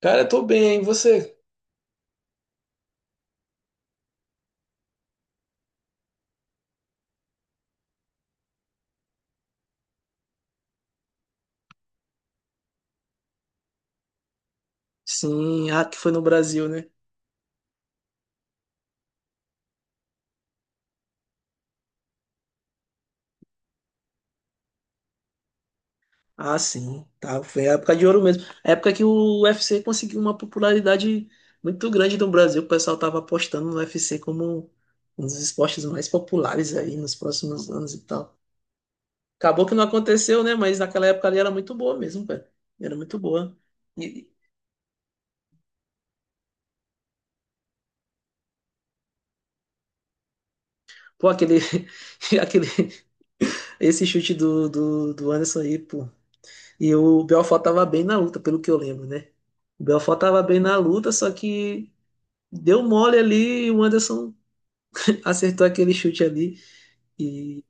Cara, eu tô bem, hein? E você? Sim, ah, que foi no Brasil, né? Ah, sim, tá, foi a época de ouro mesmo. A época que o UFC conseguiu uma popularidade muito grande no Brasil, o pessoal tava apostando no UFC como um dos esportes mais populares aí nos próximos anos e tal. Acabou que não aconteceu, né? Mas naquela época ali era muito boa mesmo, cara. Era muito boa. E, pô, aquele, aquele, esse chute do Anderson aí, pô. E o Belfort tava bem na luta, pelo que eu lembro, né? O Belfort tava bem na luta, só que deu mole ali e o Anderson acertou aquele chute ali. E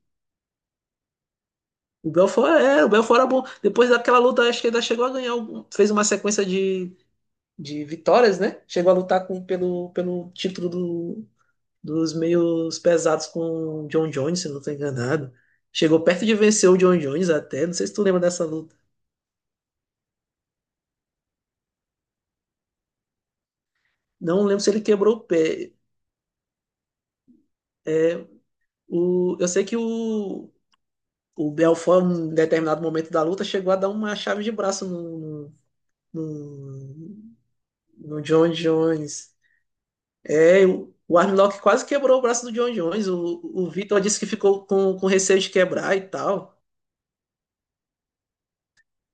o Belfort, o Belfort era bom. Depois daquela luta, acho que ainda chegou a ganhar, fez uma sequência de vitórias, né? Chegou a lutar pelo título dos meios pesados com o John Jones, se eu não tô enganado. Chegou perto de vencer o John Jones até, não sei se tu lembra dessa luta. Não lembro se ele quebrou o pé. É, eu sei que o Belfort, em determinado momento da luta, chegou a dar uma chave de braço no, no John Jones. O Armlock quase quebrou o braço do John Jones. O Vitor disse que ficou com receio de quebrar e tal.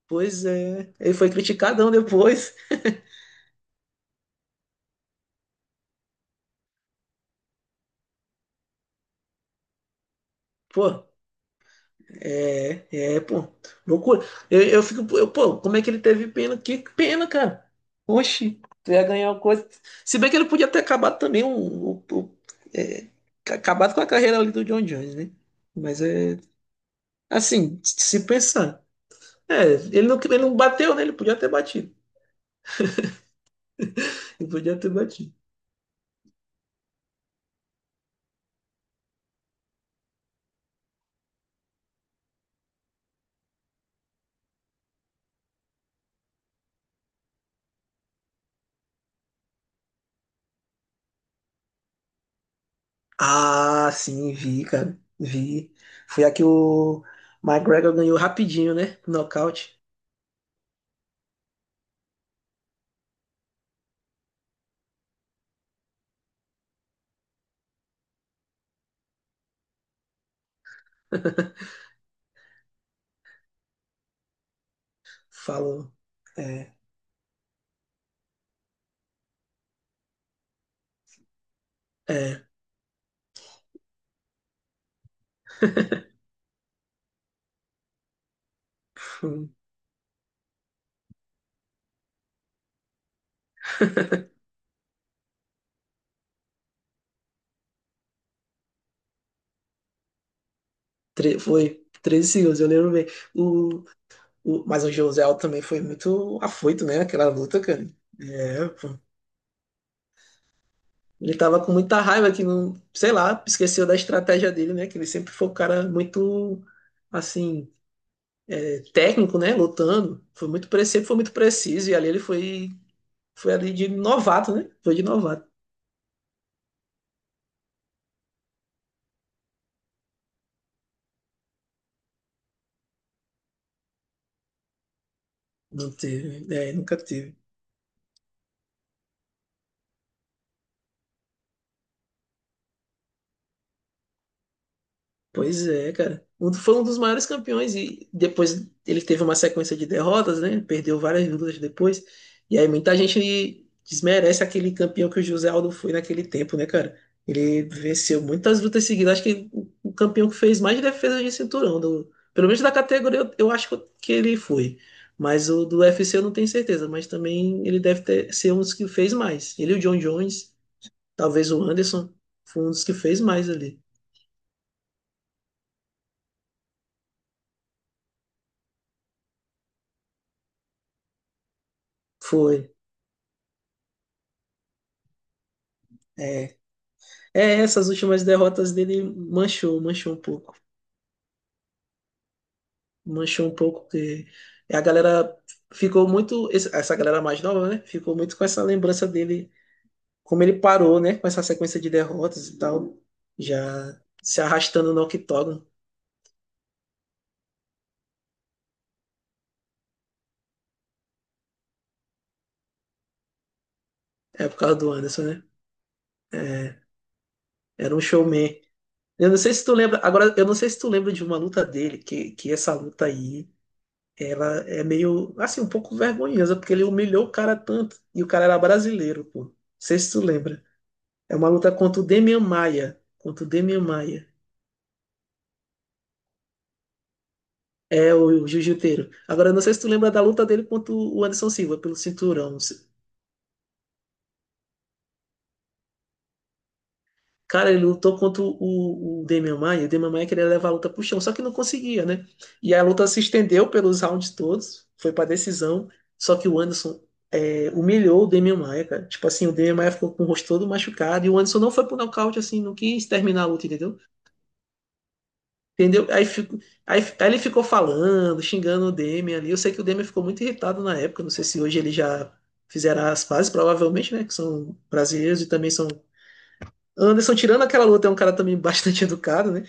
Pois é, ele foi criticadão depois. Pô. É, Pô. Loucura. Eu fico, pô, como é que ele teve pena? Que pena, cara. Oxi, tu ia ganhar uma coisa. Se bem que ele podia ter acabado também é, acabado com a carreira ali do John Jones, né? Mas é assim, se pensar. É, ele não bateu, né? Ele podia ter batido. Ele podia ter batido. Ah, sim, vi, cara. Vi. Foi aqui o McGregor ganhou rapidinho, né? Nocaute. Falou. É, é. Foi treze segundos, eu lembro bem. O, mas o José Josel também foi muito afoito, né? Aquela luta, cara. É, pô. Ele tava com muita raiva que não, sei lá, esqueceu da estratégia dele, né? Que ele sempre foi um cara muito, assim, técnico, né? Lutando. Foi muito, sempre foi muito preciso. E ali ele foi ali de novato, né? Foi de novato. Não teve, nunca teve. Pois é, cara. Foi um dos maiores campeões e depois ele teve uma sequência de derrotas, né? Perdeu várias lutas depois. E aí muita gente desmerece aquele campeão que o José Aldo foi naquele tempo, né, cara? Ele venceu muitas lutas seguidas. Acho que o campeão que fez mais defesa de cinturão, pelo menos da categoria, eu acho que ele foi. Mas o do UFC eu não tenho certeza, mas também ele deve ser um dos que fez mais. Ele e o John Jones, talvez o Anderson, foi um dos que fez mais ali. Foi. É, essas últimas derrotas dele manchou, manchou um pouco. Manchou um pouco, porque a galera ficou muito. Essa galera mais nova, né? Ficou muito com essa lembrança dele, como ele parou, né? Com essa sequência de derrotas e tal, já se arrastando no octógono. É por causa do Anderson, né? É, era um showman. Eu não sei se tu lembra. Agora, eu não sei se tu lembra de uma luta dele, que essa luta aí, ela é meio, assim, um pouco vergonhosa, porque ele humilhou o cara tanto. E o cara era brasileiro, pô. Não sei se tu lembra. É uma luta contra o Demian Maia. Contra o Demian Maia. É o jiu-jiteiro. Agora, eu não sei se tu lembra da luta dele contra o Anderson Silva, pelo cinturão. Não sei. Cara, ele lutou contra o Demian Maia. O Demian Maia queria levar a luta pro chão, só que não conseguia, né? E a luta se estendeu pelos rounds todos. Foi pra decisão. Só que o Anderson humilhou o Demian Maia, cara. Tipo assim, o Demian Maia ficou com o rosto todo machucado. E o Anderson não foi pro nocaute, assim, não quis terminar a luta, entendeu? Entendeu? Aí ele ficou falando, xingando o Demian ali. Eu sei que o Demian ficou muito irritado na época. Não sei se hoje ele já fizeram as pazes, provavelmente, né? Que são brasileiros e também são. Anderson, tirando aquela luta, é um cara também bastante educado, né?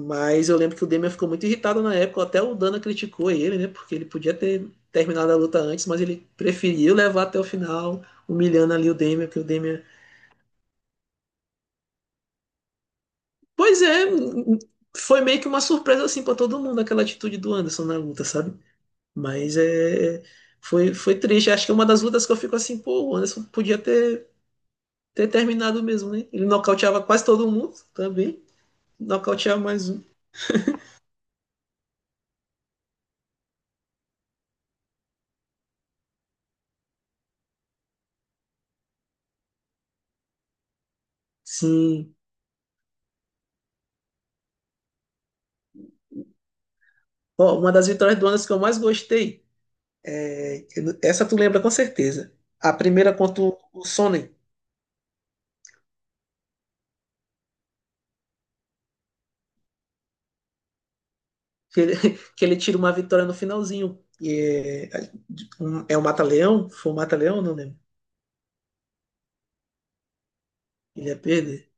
Mas eu lembro que o Demian ficou muito irritado na época. Até o Dana criticou ele, né? Porque ele podia ter terminado a luta antes, mas ele preferiu levar até o final, humilhando ali o Demian, que o Demian. Pois é, foi meio que uma surpresa assim pra todo mundo aquela atitude do Anderson na luta, sabe? Mas é, foi triste. Acho que é uma das lutas que eu fico assim, pô, o Anderson podia ter terminado mesmo, né? Ele nocauteava quase todo mundo também. Nocauteava mais um. Sim. Ó, uma das vitórias do Anderson que eu mais gostei. é, essa tu lembra com certeza. A primeira contra o Sonnen, que ele, que ele tira uma vitória no finalzinho. E é o Mata-Leão? Foi o Mata-Leão? Não lembro. Ele ia perder.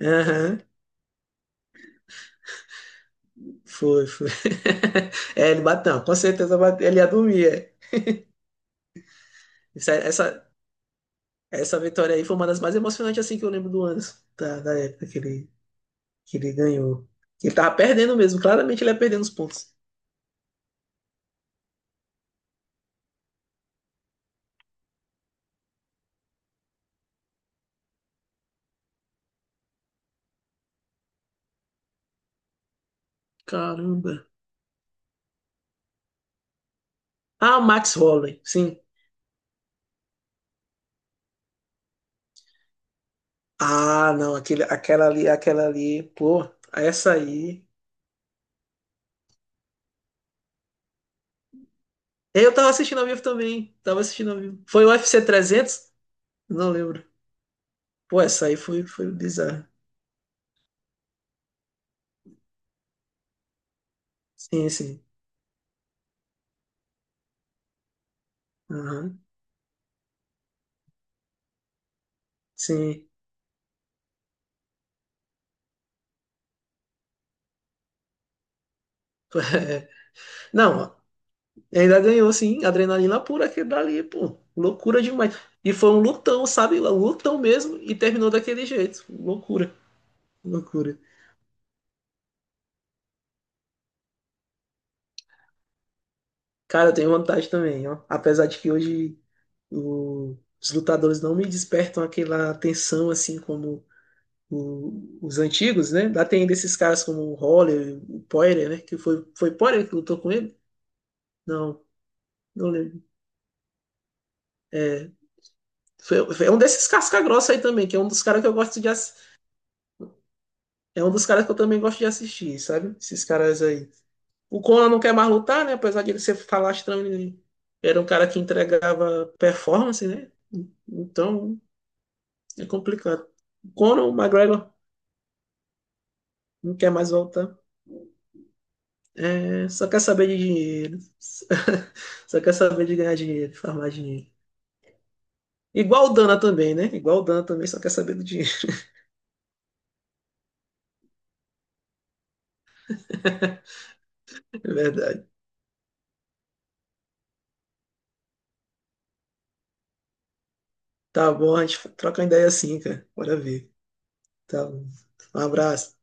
Aham. Foi, foi. É, ele bateu, com certeza bateu, ele ia dormir. É. Essa Essa, essa vitória aí foi uma das mais emocionantes assim que eu lembro do Anderson, da época que ele ganhou. Ele tava perdendo mesmo, claramente ele ia perdendo os pontos. Caramba. Ah, o Max Holloway, sim. Ah, não, aquele, aquela ali, pô, essa aí. Eu tava assistindo ao vivo também, tava assistindo ao vivo. Foi o UFC 300. Não lembro. Pô, essa aí foi bizarra. Sim, sim. Aham, sim. Não, e ainda ganhou, sim, adrenalina pura aquele dali, pô. Loucura demais. E foi um lutão, sabe? Um lutão mesmo e terminou daquele jeito. Loucura, loucura. Cara, eu tenho vontade também, ó. Apesar de que hoje os lutadores não me despertam aquela atenção assim como os antigos, né? Lá tem desses caras como o Holler, o Poirier, né? Que foi Poirier que lutou com ele? Não, não lembro. É, foi um desses casca-grossa aí também, que é um dos caras que eu gosto de. É um dos caras que eu também gosto de assistir, sabe? Esses caras aí. O Conan não quer mais lutar, né? Apesar de ele ser falastrão, ele era um cara que entregava performance, né? Então é complicado. O Conan, o McGregor, não quer mais voltar. É, só quer saber de dinheiro. Só quer saber de ganhar dinheiro, de farmar dinheiro. Igual o Dana também, né? Igual o Dana também só quer saber do dinheiro. É verdade. Tá bom, a gente troca uma ideia assim, cara. Bora ver. Tá bom. Um abraço.